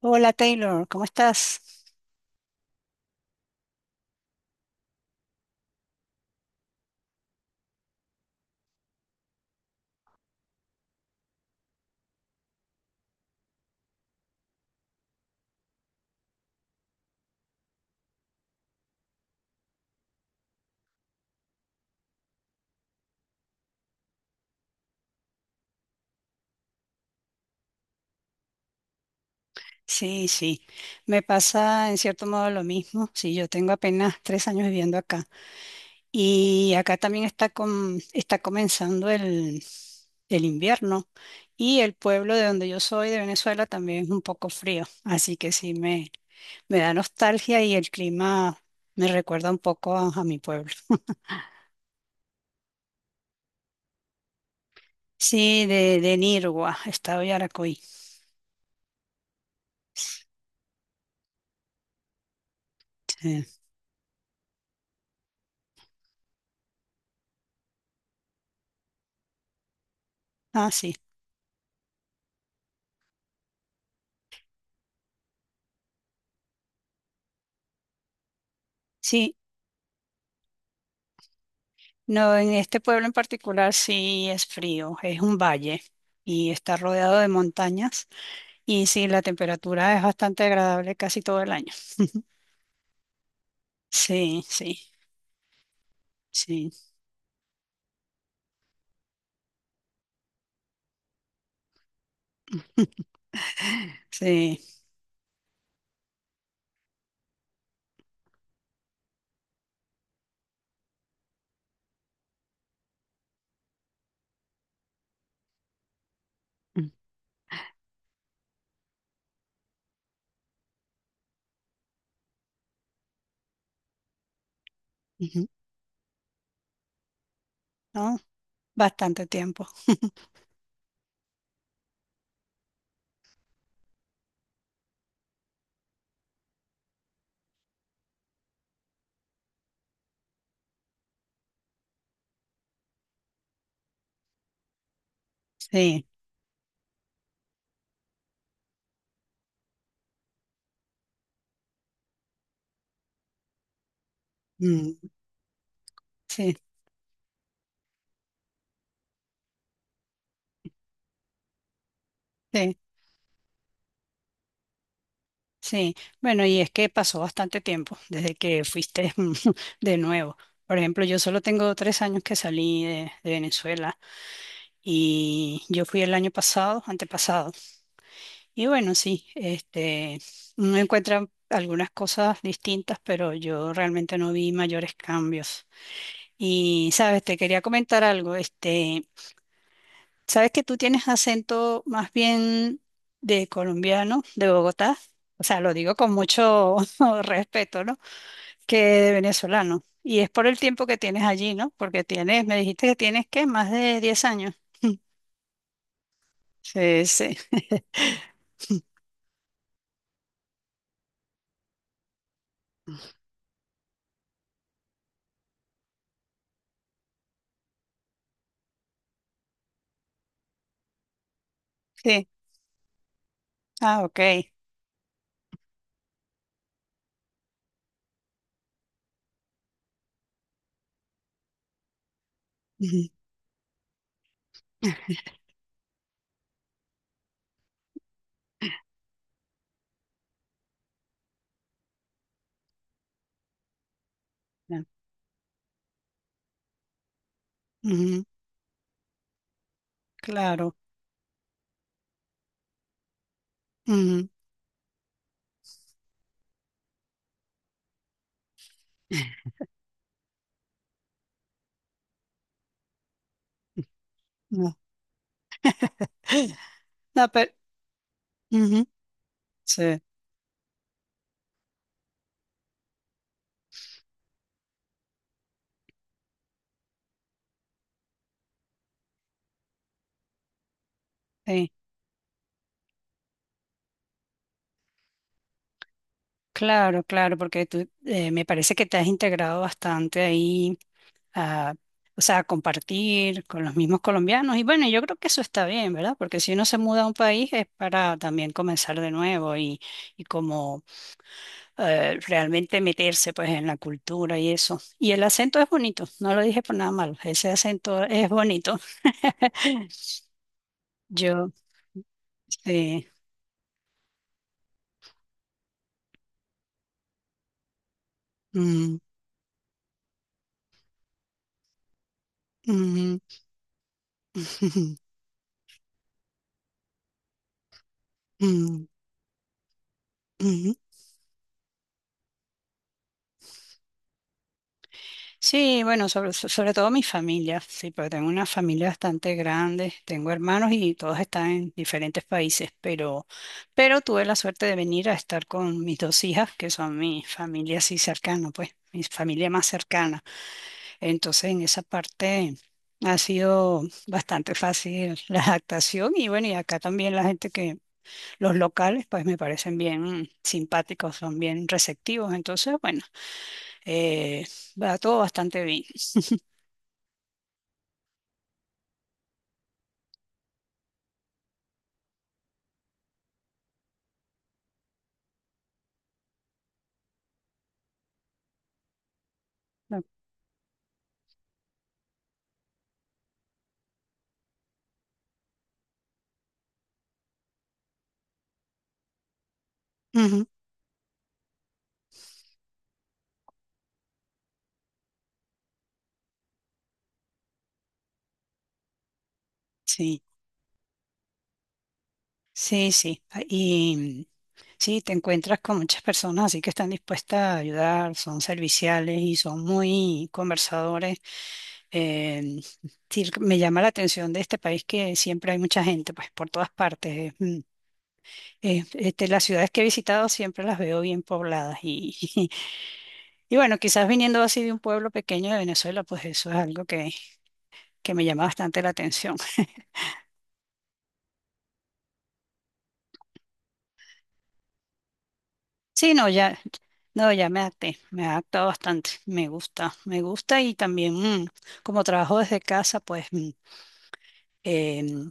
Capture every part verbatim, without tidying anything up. Hola Taylor, ¿cómo estás? Sí, sí, me pasa en cierto modo lo mismo. Sí, yo tengo apenas tres años viviendo acá y acá también está, com- está comenzando el, el invierno y el pueblo de donde yo soy, de Venezuela, también es un poco frío, así que sí me, me da nostalgia y el clima me recuerda un poco a, a mi pueblo. Sí, de, de Nirgua, estado de Yaracuy. Sí. Ah, sí. Sí, no, en este pueblo en particular sí es frío, es un valle y está rodeado de montañas y sí, la temperatura es bastante agradable casi todo el año. Sí, sí, sí, sí. Mm, ujú. ¿No? Bastante tiempo. Sí, mm, sí, sí, sí. Bueno, y es que pasó bastante tiempo desde que fuiste de nuevo. Por ejemplo, yo solo tengo tres años que salí de de Venezuela y yo fui el año pasado, antepasado. Y bueno, sí, este, uno encuentra algunas cosas distintas, pero yo realmente no vi mayores cambios. Y, sabes, te quería comentar algo, este, sabes que tú tienes acento más bien de colombiano, de Bogotá, o sea, lo digo con mucho respeto, ¿no? Que de venezolano. Y es por el tiempo que tienes allí, ¿no? Porque tienes, me dijiste que tienes, ¿qué? Más de diez años. Sí, sí, sí. Ah, ok. Ujú, ya. Ujú, claro. No, no, pero ujú, sí, sí, claro, claro, porque tú eh, me parece que te has integrado bastante ahí a, o sea, a compartir con los mismos colombianos. Y bueno, yo creo que eso está bien, ¿verdad? Porque si uno se muda a un país es para también comenzar de nuevo y, y como eh, realmente meterse pues en la cultura y eso. Y el acento es bonito, no lo dije por nada malo, ese acento es bonito. Yo, sí. Mm, ujú, ujú, ujú. Sí, bueno, sobre, so- sobre todo mi familia, sí, porque tengo una familia bastante grande, tengo hermanos y todos están en diferentes países, pero, pero tuve la suerte de venir a estar con mis dos hijas, que son mi familia así cercana, pues, mi familia más cercana. Entonces, en esa parte ha sido bastante fácil la adaptación y bueno, y acá también la gente que, los locales, pues me parecen bien simpáticos, son bien receptivos, entonces, bueno, eh, va todo bastante bien. No. Ujú, sí, sí, sí. Ah, y sí, te encuentras con muchas personas así que están dispuestas a ayudar, son serviciales y son muy conversadores. Eh, sí, me llama la atención de este país que siempre hay mucha gente, pues por todas partes. Mm, eh, este, las ciudades que he visitado siempre las veo bien pobladas y, y bueno, quizás viniendo así de un pueblo pequeño de Venezuela, pues eso es algo que, que me llama bastante la atención. Sí, no, ya, no, ya me adapté, me he adaptado bastante, me gusta, me gusta y también mm, como trabajo desde casa, pues mm, em,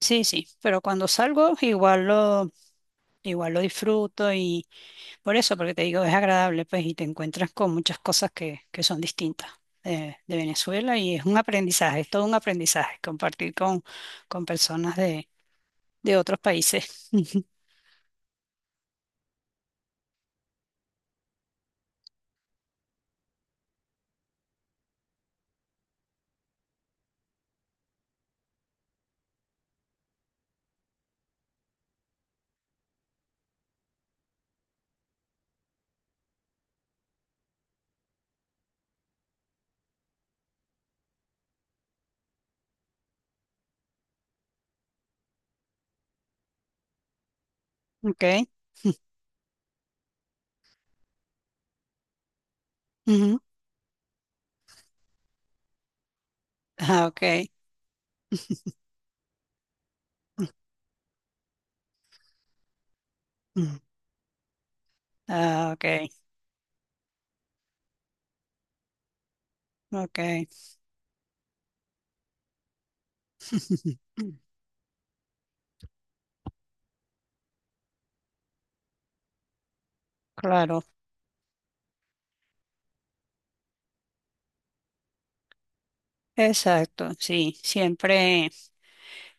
sí, sí, pero cuando salgo igual lo, igual lo disfruto y por eso, porque te digo, es agradable, pues, y te encuentras con muchas cosas que, que son distintas eh, de Venezuela y es un aprendizaje, es todo un aprendizaje compartir con, con personas de, de otros países. Okay. Ujú. Ah, okay. Mm. Ah, okay. Okay. Claro, exacto, sí, siempre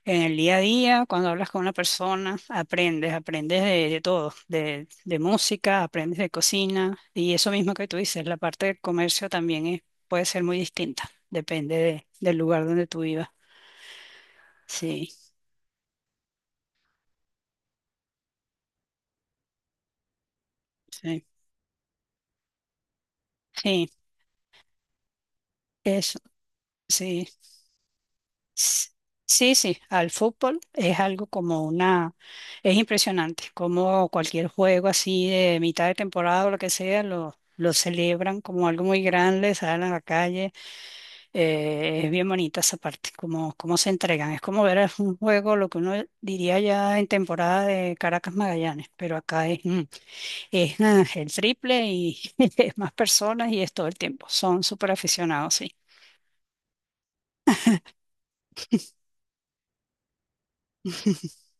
en el día a día, cuando hablas con una persona, aprendes, aprendes de, de todo, de, de música, aprendes de cocina y eso mismo que tú dices, la parte del comercio también es- puede ser muy distinta, depende de- del lugar donde tú vivas, sí. Sí, sí, eso, sí. S- Sí, sí, al fútbol es algo como una, es impresionante, como cualquier juego así de mitad de temporada o lo que sea, lo, lo celebran como algo muy grande, salen a la calle, eh, es bien bonita esa parte, como, cómo se entregan, es como ver un juego, lo que uno diría ya en temporada de Caracas Magallanes, pero acá es, mm, es ah, el triple y es más personas y es todo el tiempo, son súper aficionados, sí.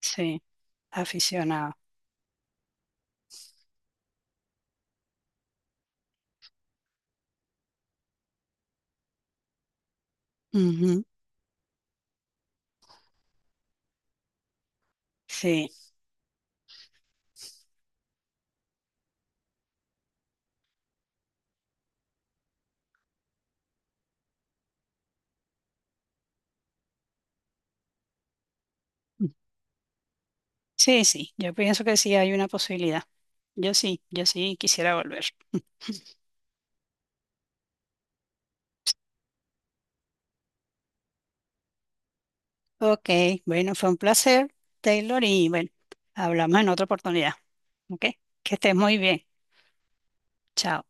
Sí. Aficionado. Ujú. Sí, sí, sí. Yo pienso que sí hay una posibilidad. Yo sí, yo sí quisiera volver. Ok, bueno, fue un placer, Taylor, y bueno, hablamos en otra oportunidad. Ok, que estés muy bien. Chao.